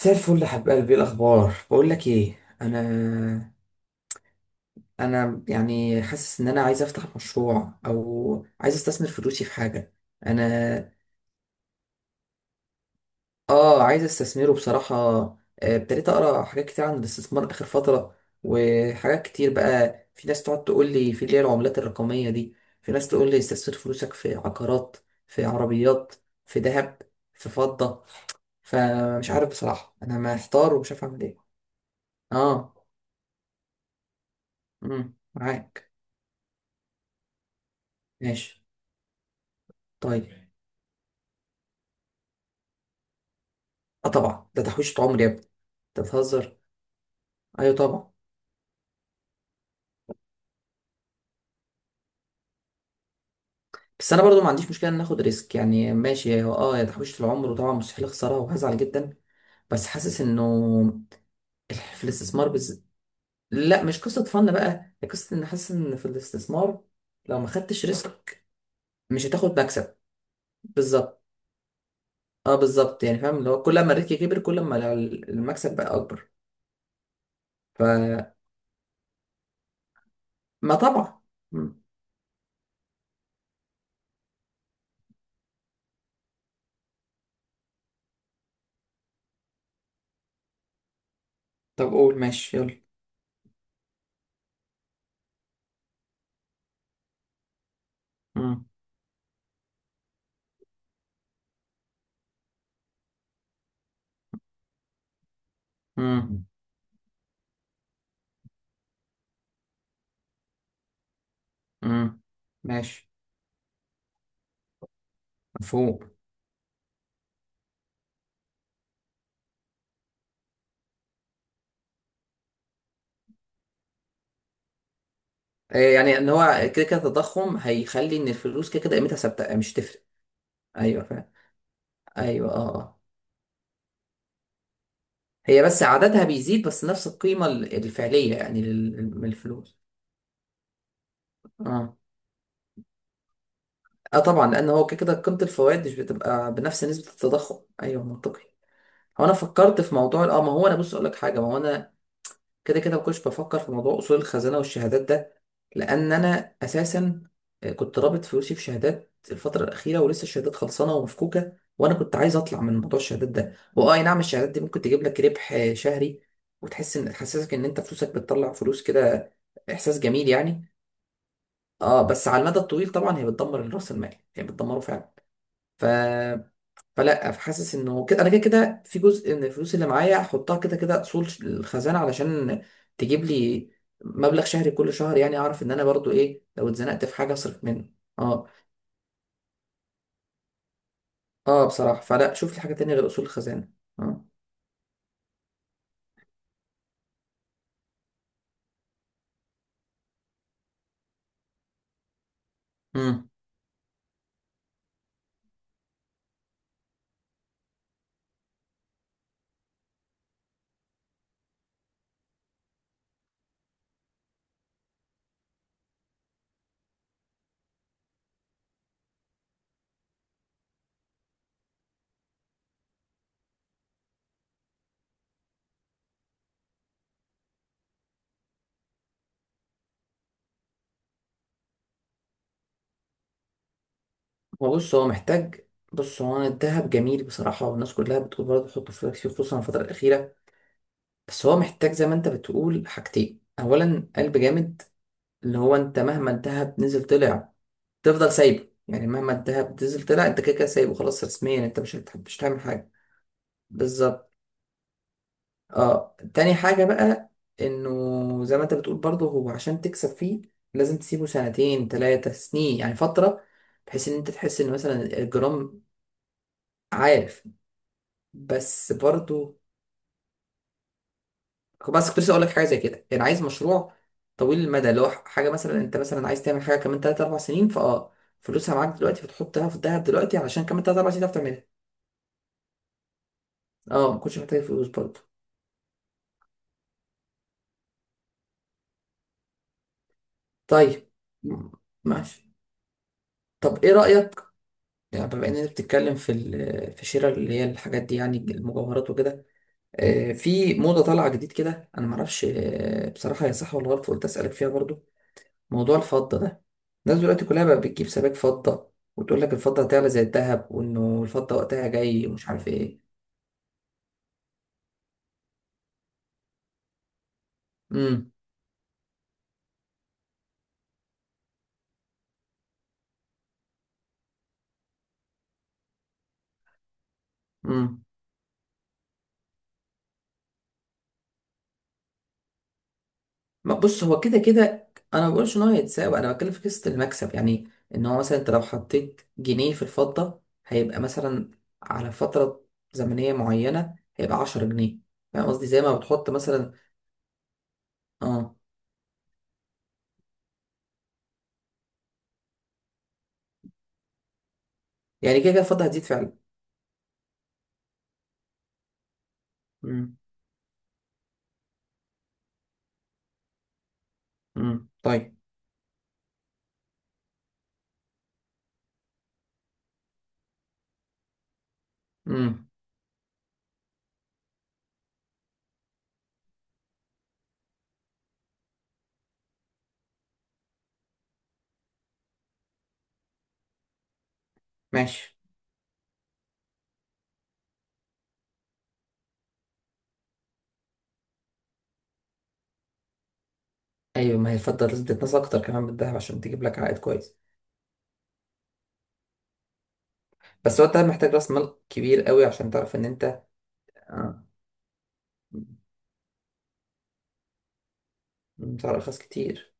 مساء الفل يا حبيب قلبي، إيه الاخبار؟ بقول لك ايه، انا انا يعني حاسس ان انا عايز افتح مشروع او عايز استثمر فلوسي في حاجه. انا. اه، عايز استثمره بصراحه. ابتديت اقرا حاجات كتير عن الاستثمار اخر فتره. وحاجات كتير، بقى في ناس تقعد تقول لي في اللي هي العملات الرقميه دي. في ناس تقول لي استثمر فلوسك في عقارات، في عربيات، في ذهب، في فضه. فمش عارف بصراحه، انا محتار ومش عارف اعمل ايه. اه. معاك. ماشي. طيب. اه طبعا، ده تحويشة عمر يا ابني، انت بتهزر؟ ايوه طبعا. بس انا برضو ما عنديش مشكله ان ناخد ريسك، يعني ماشي، هو اه يا تحويشة العمر، وطبعا مستحيل اخسرها وهزعل جدا. بس حاسس انه في الاستثمار لا، مش قصه فن بقى، هي قصه ان حاسس ان في الاستثمار لو ما خدتش ريسك مش هتاخد مكسب. بالظبط. اه بالظبط، يعني فاهم اللي هو كل ما الريسك كبر كل ما المكسب بقى اكبر. فما. طبعا. مم. طب قول، ماشي يلا. مم. مم. مم. ماشي. مفهوم. يعني ان هو كده كده التضخم هيخلي ان الفلوس كده كده قيمتها ثابته، مش تفرق. ايوه فاهم. ايوه، اه اه. هي بس عددها بيزيد، بس نفس القيمه الفعليه يعني من الفلوس. اه. اه طبعا، لان هو كده كده قيمه الفوائد مش بتبقى بنفس نسبه التضخم. ايوه منطقي. هو انا فكرت في موضوع ما هو انا، بص اقول لك حاجه، ما هو انا كده كده ما كنتش بفكر في موضوع اصول الخزانه والشهادات ده. لان انا اساسا، كنت رابط فلوسي في شهادات الفتره الاخيره ولسه الشهادات خلصانه ومفكوكه، وانا كنت عايز اطلع من موضوع الشهادات ده. واه، أي نعم، الشهادات دي ممكن تجيب لك ربح شهري، وتحس ان تحسسك ان انت فلوسك بتطلع فلوس كده، احساس جميل يعني. اه بس على المدى الطويل طبعا هي بتدمر راس المال، هي بتدمره فعلا. ف، فلا، فحاسس انه كده انا كده كده، في جزء من الفلوس اللي معايا احطها كده كده اصول الخزانه علشان تجيب لي مبلغ شهري كل شهر، يعني اعرف ان انا برضو ايه، لو اتزنقت في حاجه اصرف منه. اه. اه بصراحه، فلا شوف لي حاجه تانية غير اصول الخزانه. اه. امم هو بص هو محتاج، بص هو، أنا الدهب جميل بصراحه والناس كلها بتقول برضه حط فلوسك فيه خصوصا الفتره الاخيره. بس هو محتاج زي ما انت بتقول حاجتين، اولا قلب جامد، اللي هو انت مهما الدهب نزل طلع تفضل سايبه، يعني مهما الدهب نزل طلع انت كده كده سايبه خلاص، رسميا انت مش هتعمل حاجه. بالظبط. اه تاني حاجه بقى، انه زي ما انت بتقول برضه، هو عشان تكسب فيه لازم تسيبه سنتين ثلاثه سنين، يعني فتره، بحيث ان انت تحس ان مثلا الجرام. عارف. بس برضه، بس كنت لسه اقول لك حاجه زي كده، يعني عايز مشروع طويل المدى، اللي هو حاجه مثلا انت مثلا عايز تعمل حاجه كمان 3 4 سنين، فلوسها معاك دلوقتي فتحطها في الدهب دلوقتي علشان كمان 3 4 سنين تعرف تعملها. اه، ما كنتش محتاج فلوس برضه. طيب. م- ماشي. طب ايه رأيك، يعني بما اننا بتتكلم في في شراء اللي هي الحاجات دي، يعني المجوهرات وكده. في موضة طالعة جديد كده، انا معرفش بصراحة هي صح ولا غلط، فقلت اسألك فيها برضو. موضوع الفضة ده، الناس دلوقتي كلها بقى بتجيب سبائك فضة وتقول لك الفضة هتعلى زي الذهب، وانه الفضة وقتها جاي ومش عارف ايه. امم. امم. ما بص، هو كده كده انا ما بقولش ان هو هيتساوي، انا بتكلم في قصه المكسب. يعني ان هو مثلا انت لو حطيت جنيه في الفضه هيبقى مثلا، على فتره زمنيه معينه هيبقى 10 جنيه، فاهم قصدي؟ زي ما بتحط مثلا. اه. يعني كده كده الفضه هتزيد فعلا. امم. طيب. امم. ماشي. ايوه، ما هي الفضه لازم تتنسى اكتر كمان من الذهب عشان تجيب لك عائد كويس. بس هو انت محتاج راس مال كبير قوي عشان تعرف ان انت. اه. مم. مم، تعرف ارخص كتير.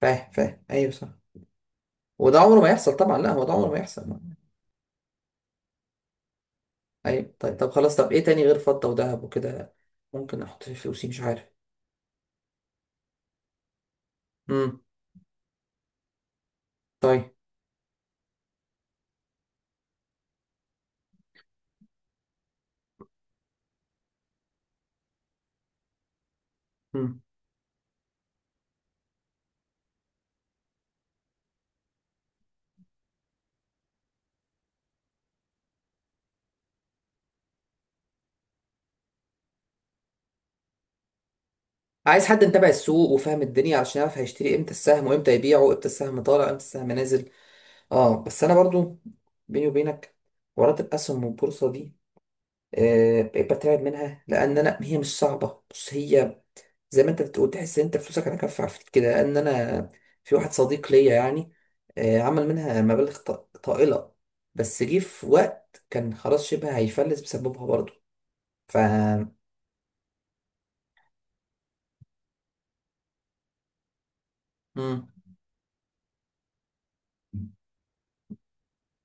فاهم فاهم، ايوه صح. وده عمره ما يحصل طبعا، لا هو ده عمره ما يحصل. اي طيب، طب خلاص، طب ايه تاني غير فضة وذهب وكده؟ ممكن احط فيه فلوسي مش عارف. امم. طيب. امم. عايز حد متابع السوق وفاهم الدنيا علشان يعرف هيشتري امتى السهم وامتى يبيعه، امتى السهم طالع امتى السهم نازل. اه بس انا برضو، بيني وبينك، حوارات الاسهم والبورصة دي بقيت بترعب منها، لان انا هي مش صعبه، بص هي زي ما انت بتقول، تحس ان انت فلوسك على كف عفيف كده. لان انا، في واحد صديق ليا يعني عمل منها مبالغ طائله، بس جه في وقت كان خلاص شبه هيفلس بسببها برضه. ف. مم.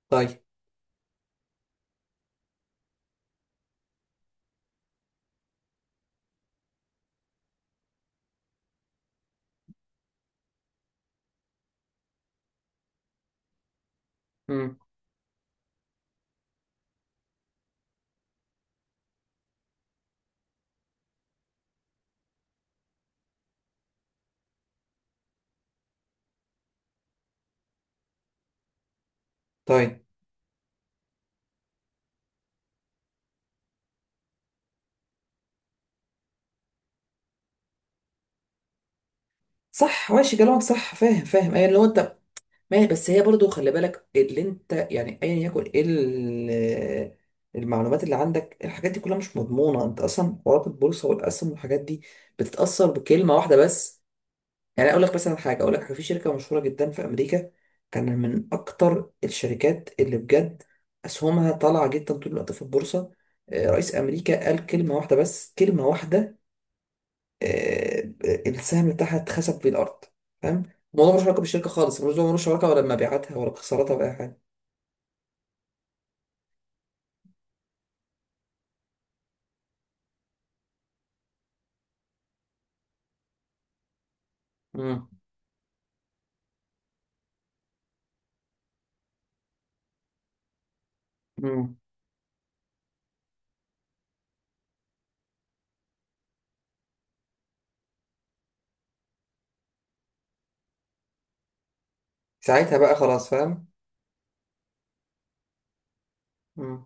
طيب. مم. طيب. صح ماشي كلامك، صح فاهم فاهم، ايه لو انت؟ ماشي، بس هي برضو خلي بالك اللي انت، يعني ايا يكن ايه المعلومات اللي عندك، الحاجات دي كلها مش مضمونه، انت اصلا حوارات البورصه والاسهم والحاجات دي بتتاثر بكلمه واحده بس. يعني اقول لك مثلا حاجه، اقول لك حاجه، في شركه مشهوره جدا في امريكا، كان من اكتر الشركات اللي بجد اسهمها طالعه جدا طول الوقت في البورصه. رئيس امريكا قال كلمه واحده بس، كلمه واحده. آه، السهم بتاعها اتخسف في الارض، فاهم؟ الموضوع ملوش علاقه بالشركه خالص، الموضوع ملوش علاقه ولا بمبيعاتها ولا بخسارتها ولا اي حاجه. مم. مم. ساعتها بقى خلاص فاهم. مم.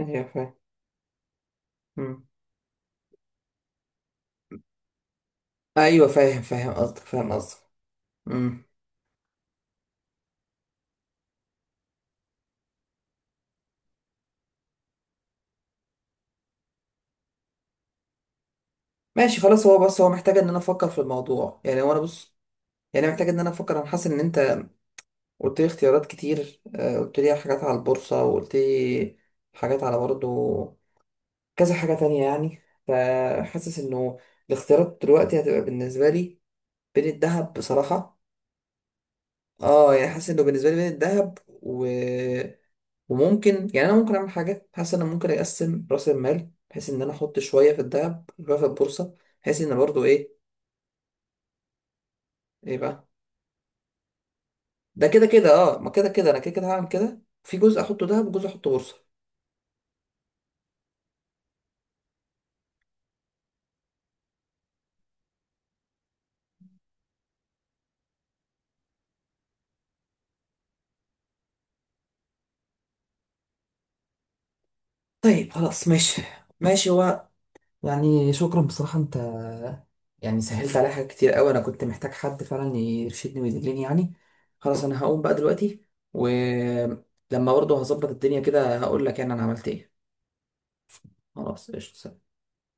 ايوه فاهم. مم. ايوه فاهم، فاهم قصدك، فاهم قصدك. مم. ماشي خلاص، هو بس هو محتاج ان انا افكر في الموضوع، يعني هو انا بص، يعني أنا محتاج ان انا افكر، انا حاسس ان انت قلت لي اختيارات كتير، قلت لي حاجات على البورصه، وقلت لي حاجات على برضه كذا حاجة تانية، يعني فحاسس انه الاختيارات دلوقتي هتبقى بالنسبة لي بين الذهب بصراحة. اه، يعني حاسس انه بالنسبة لي بين الذهب وممكن، يعني انا ممكن اعمل حاجة، حاسس ان انا ممكن اقسم رأس المال بحيث ان انا احط شوية في الذهب وشوية في البورصة، بحيث ان برضو ايه. ايه بقى؟ ده كده كده اه، ما كده كده انا كده كده هعمل كده، في جزء احطه ذهب وجزء احطه بورصة. طيب خلاص ماشي. ماشي. يعني شكرا بصراحة انت، يعني سهلت عليا حاجات كتير قوي، انا كنت محتاج حد فعلا يرشدني ويدلني يعني. خلاص، انا هقوم بقى دلوقتي، ولما برضه هظبط الدنيا كده هقول لك يعني انا عملت ايه. خلاص قشطة.